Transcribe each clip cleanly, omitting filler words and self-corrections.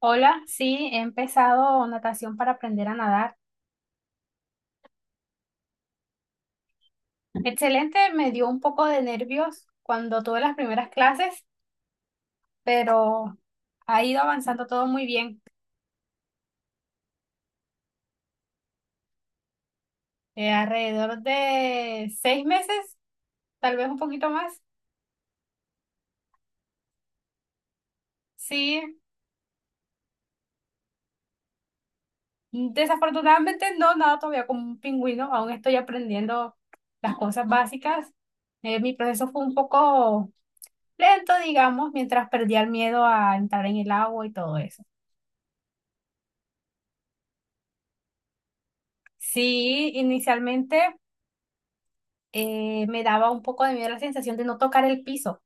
Hola, sí, he empezado natación para aprender a nadar. Excelente, me dio un poco de nervios cuando tuve las primeras clases, pero ha ido avanzando todo muy bien. Alrededor de 6 meses, tal vez un poquito más. Sí, desafortunadamente no nado todavía como un pingüino, aún estoy aprendiendo las cosas básicas. Mi proceso fue un poco lento, digamos, mientras perdía el miedo a entrar en el agua y todo eso. Sí, inicialmente. Me daba un poco de miedo la sensación de no tocar el piso.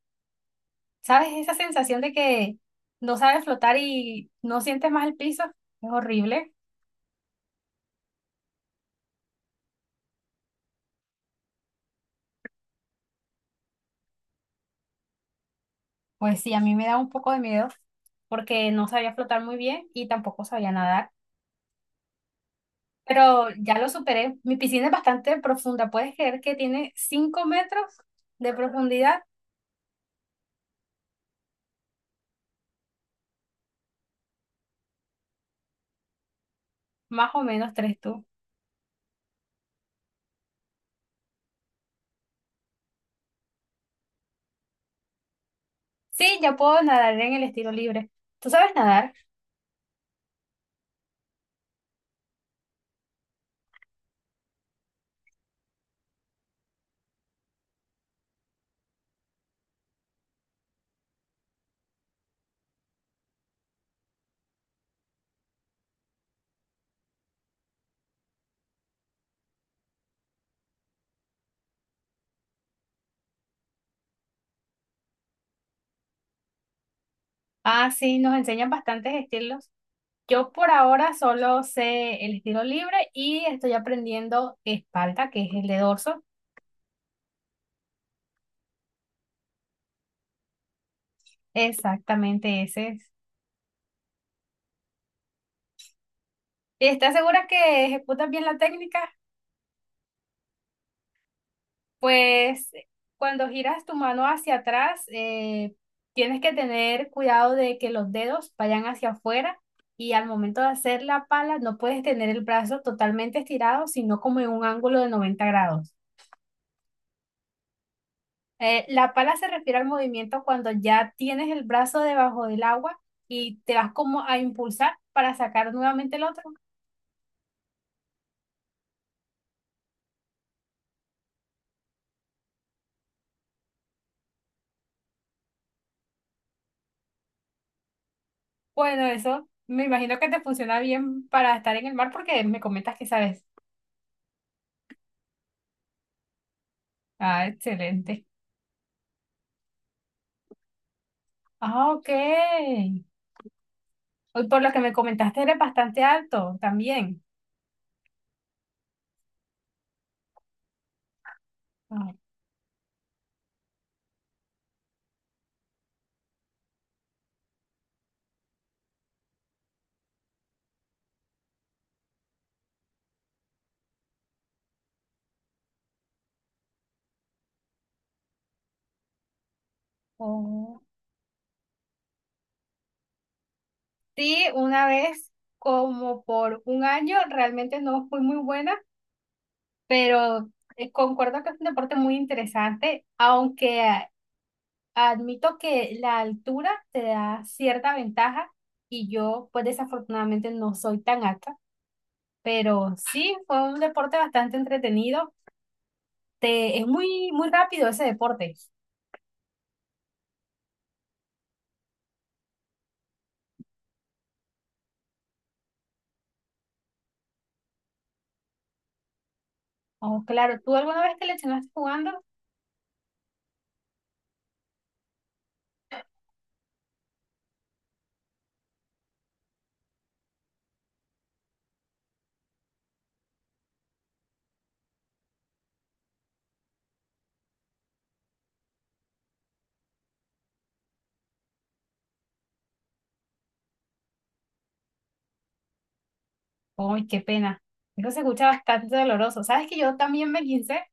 ¿Sabes? Esa sensación de que no sabes flotar y no sientes más el piso. Es horrible. Pues sí, a mí me da un poco de miedo porque no sabía flotar muy bien y tampoco sabía nadar. Pero ya lo superé. Mi piscina es bastante profunda. ¿Puedes creer que tiene 5 metros de profundidad? Más o menos 3 tú. Sí, ya puedo nadar en el estilo libre. ¿Tú sabes nadar? Ah, sí, nos enseñan bastantes estilos. Yo por ahora solo sé el estilo libre y estoy aprendiendo espalda, que es el de dorso. Exactamente ese es. ¿Estás segura que ejecutas bien la técnica? Pues cuando giras tu mano hacia atrás, tienes que tener cuidado de que los dedos vayan hacia afuera y al momento de hacer la pala no puedes tener el brazo totalmente estirado, sino como en un ángulo de 90 grados. La pala se refiere al movimiento cuando ya tienes el brazo debajo del agua y te vas como a impulsar para sacar nuevamente el otro. Bueno, eso me imagino que te funciona bien para estar en el mar porque me comentas que sabes. Ah, excelente. Ah, ok. Hoy por lo que me comentaste eres bastante alto también. Ah, oh. Sí, una vez como por un año realmente no fui muy buena, pero concuerdo que es un deporte muy interesante, aunque admito que la altura te da cierta ventaja y yo pues desafortunadamente no soy tan alta, pero sí fue un deporte bastante entretenido. Es muy muy rápido ese deporte. Oh, claro, ¿tú alguna vez te lesionaste jugando? ¡Ay, qué pena! Eso se escucha bastante doloroso. ¿Sabes que yo también me guincé?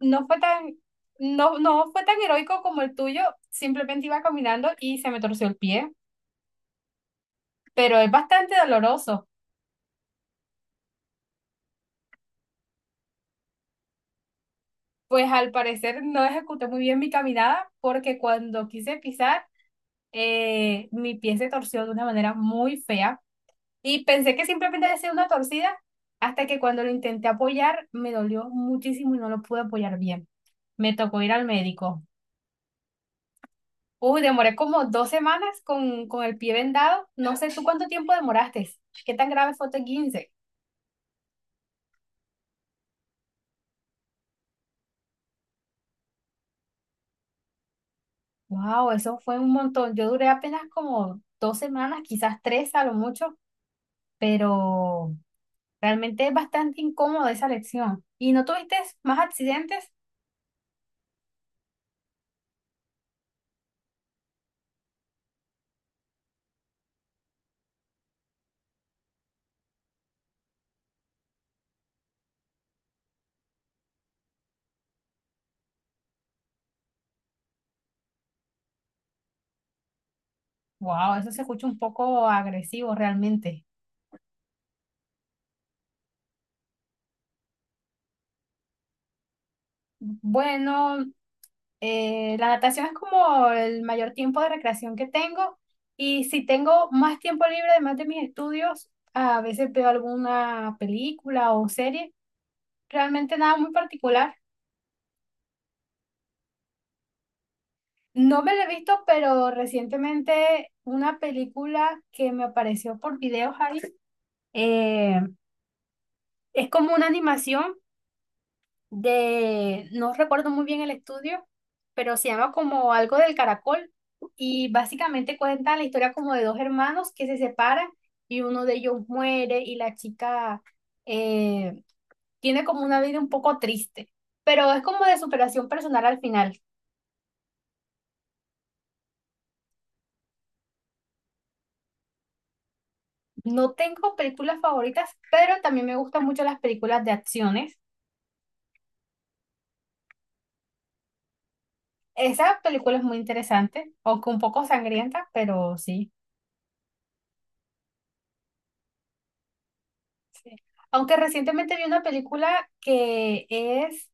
No fue tan, no, no fue tan heroico como el tuyo, simplemente iba caminando y se me torció el pie, pero es bastante doloroso. Pues al parecer no ejecuté muy bien mi caminada porque cuando quise pisar, mi pie se torció de una manera muy fea y pensé que simplemente había sido una torcida hasta que cuando lo intenté apoyar me dolió muchísimo y no lo pude apoyar bien. Me tocó ir al médico. Uy, demoré como 2 semanas con el pie vendado. No sé tú cuánto tiempo demoraste. ¿Qué tan grave fue tu quince? Wow, eso fue un montón. Yo duré apenas como 2 semanas, quizás tres a lo mucho, pero... Realmente es bastante incómoda esa lección. ¿Y no tuviste más accidentes? Wow, eso se escucha un poco agresivo realmente. Bueno, la natación es como el mayor tiempo de recreación que tengo y si tengo más tiempo libre además de mis estudios, a veces veo alguna película o serie, realmente nada muy particular. No me la he visto, pero recientemente una película que me apareció por videos ahí, eh, es como una animación de, no recuerdo muy bien el estudio, pero se llama como algo del caracol y básicamente cuenta la historia como de dos hermanos que se separan y uno de ellos muere y la chica eh, tiene como una vida un poco triste, pero es como de superación personal al final. No tengo películas favoritas, pero también me gustan mucho las películas de acciones. Esa película es muy interesante, aunque un poco sangrienta, pero sí. Sí. Aunque recientemente vi una película que es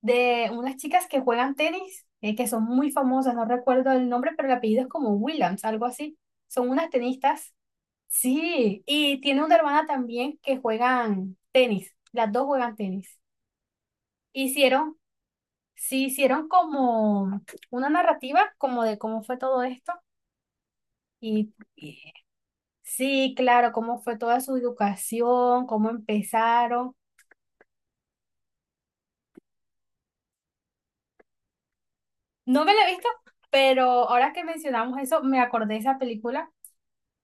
de unas chicas que juegan tenis, que son muy famosas, no recuerdo el nombre, pero el apellido es como Williams, algo así. Son unas tenistas. Sí, y tiene una hermana también que juegan tenis, las dos juegan tenis. Hicieron, sí, hicieron como una narrativa como de cómo fue todo esto y sí, claro, cómo fue toda su educación, cómo empezaron. No me la he visto, pero ahora que mencionamos eso, me acordé de esa película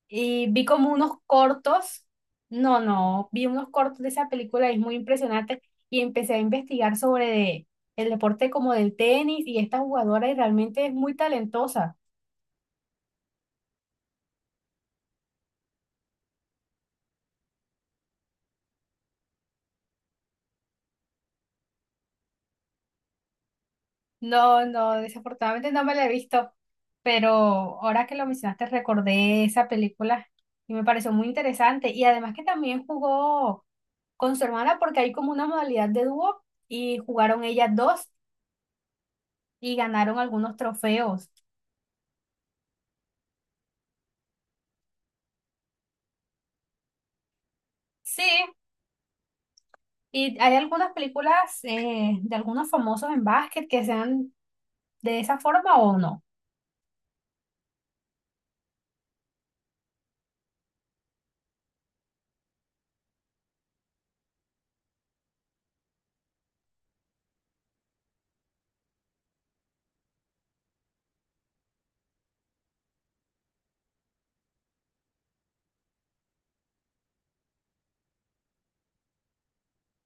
y vi como unos cortos. No, no, vi unos cortos de esa película y es muy impresionante. Y empecé a investigar sobre el deporte como del tenis y esta jugadora y realmente es muy talentosa. No, no, desafortunadamente no me la he visto, pero ahora que lo mencionaste recordé esa película y me pareció muy interesante y además que también jugó con su hermana porque hay como una modalidad de dúo y jugaron ellas dos y ganaron algunos trofeos. Sí, y hay algunas películas de algunos famosos en básquet que sean de esa forma o no.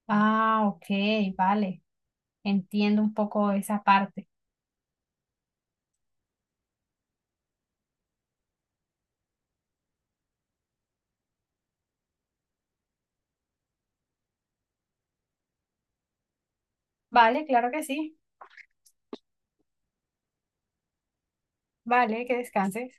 Ah, ok, vale, entiendo un poco esa parte. Vale, claro que sí. Vale, que descanses.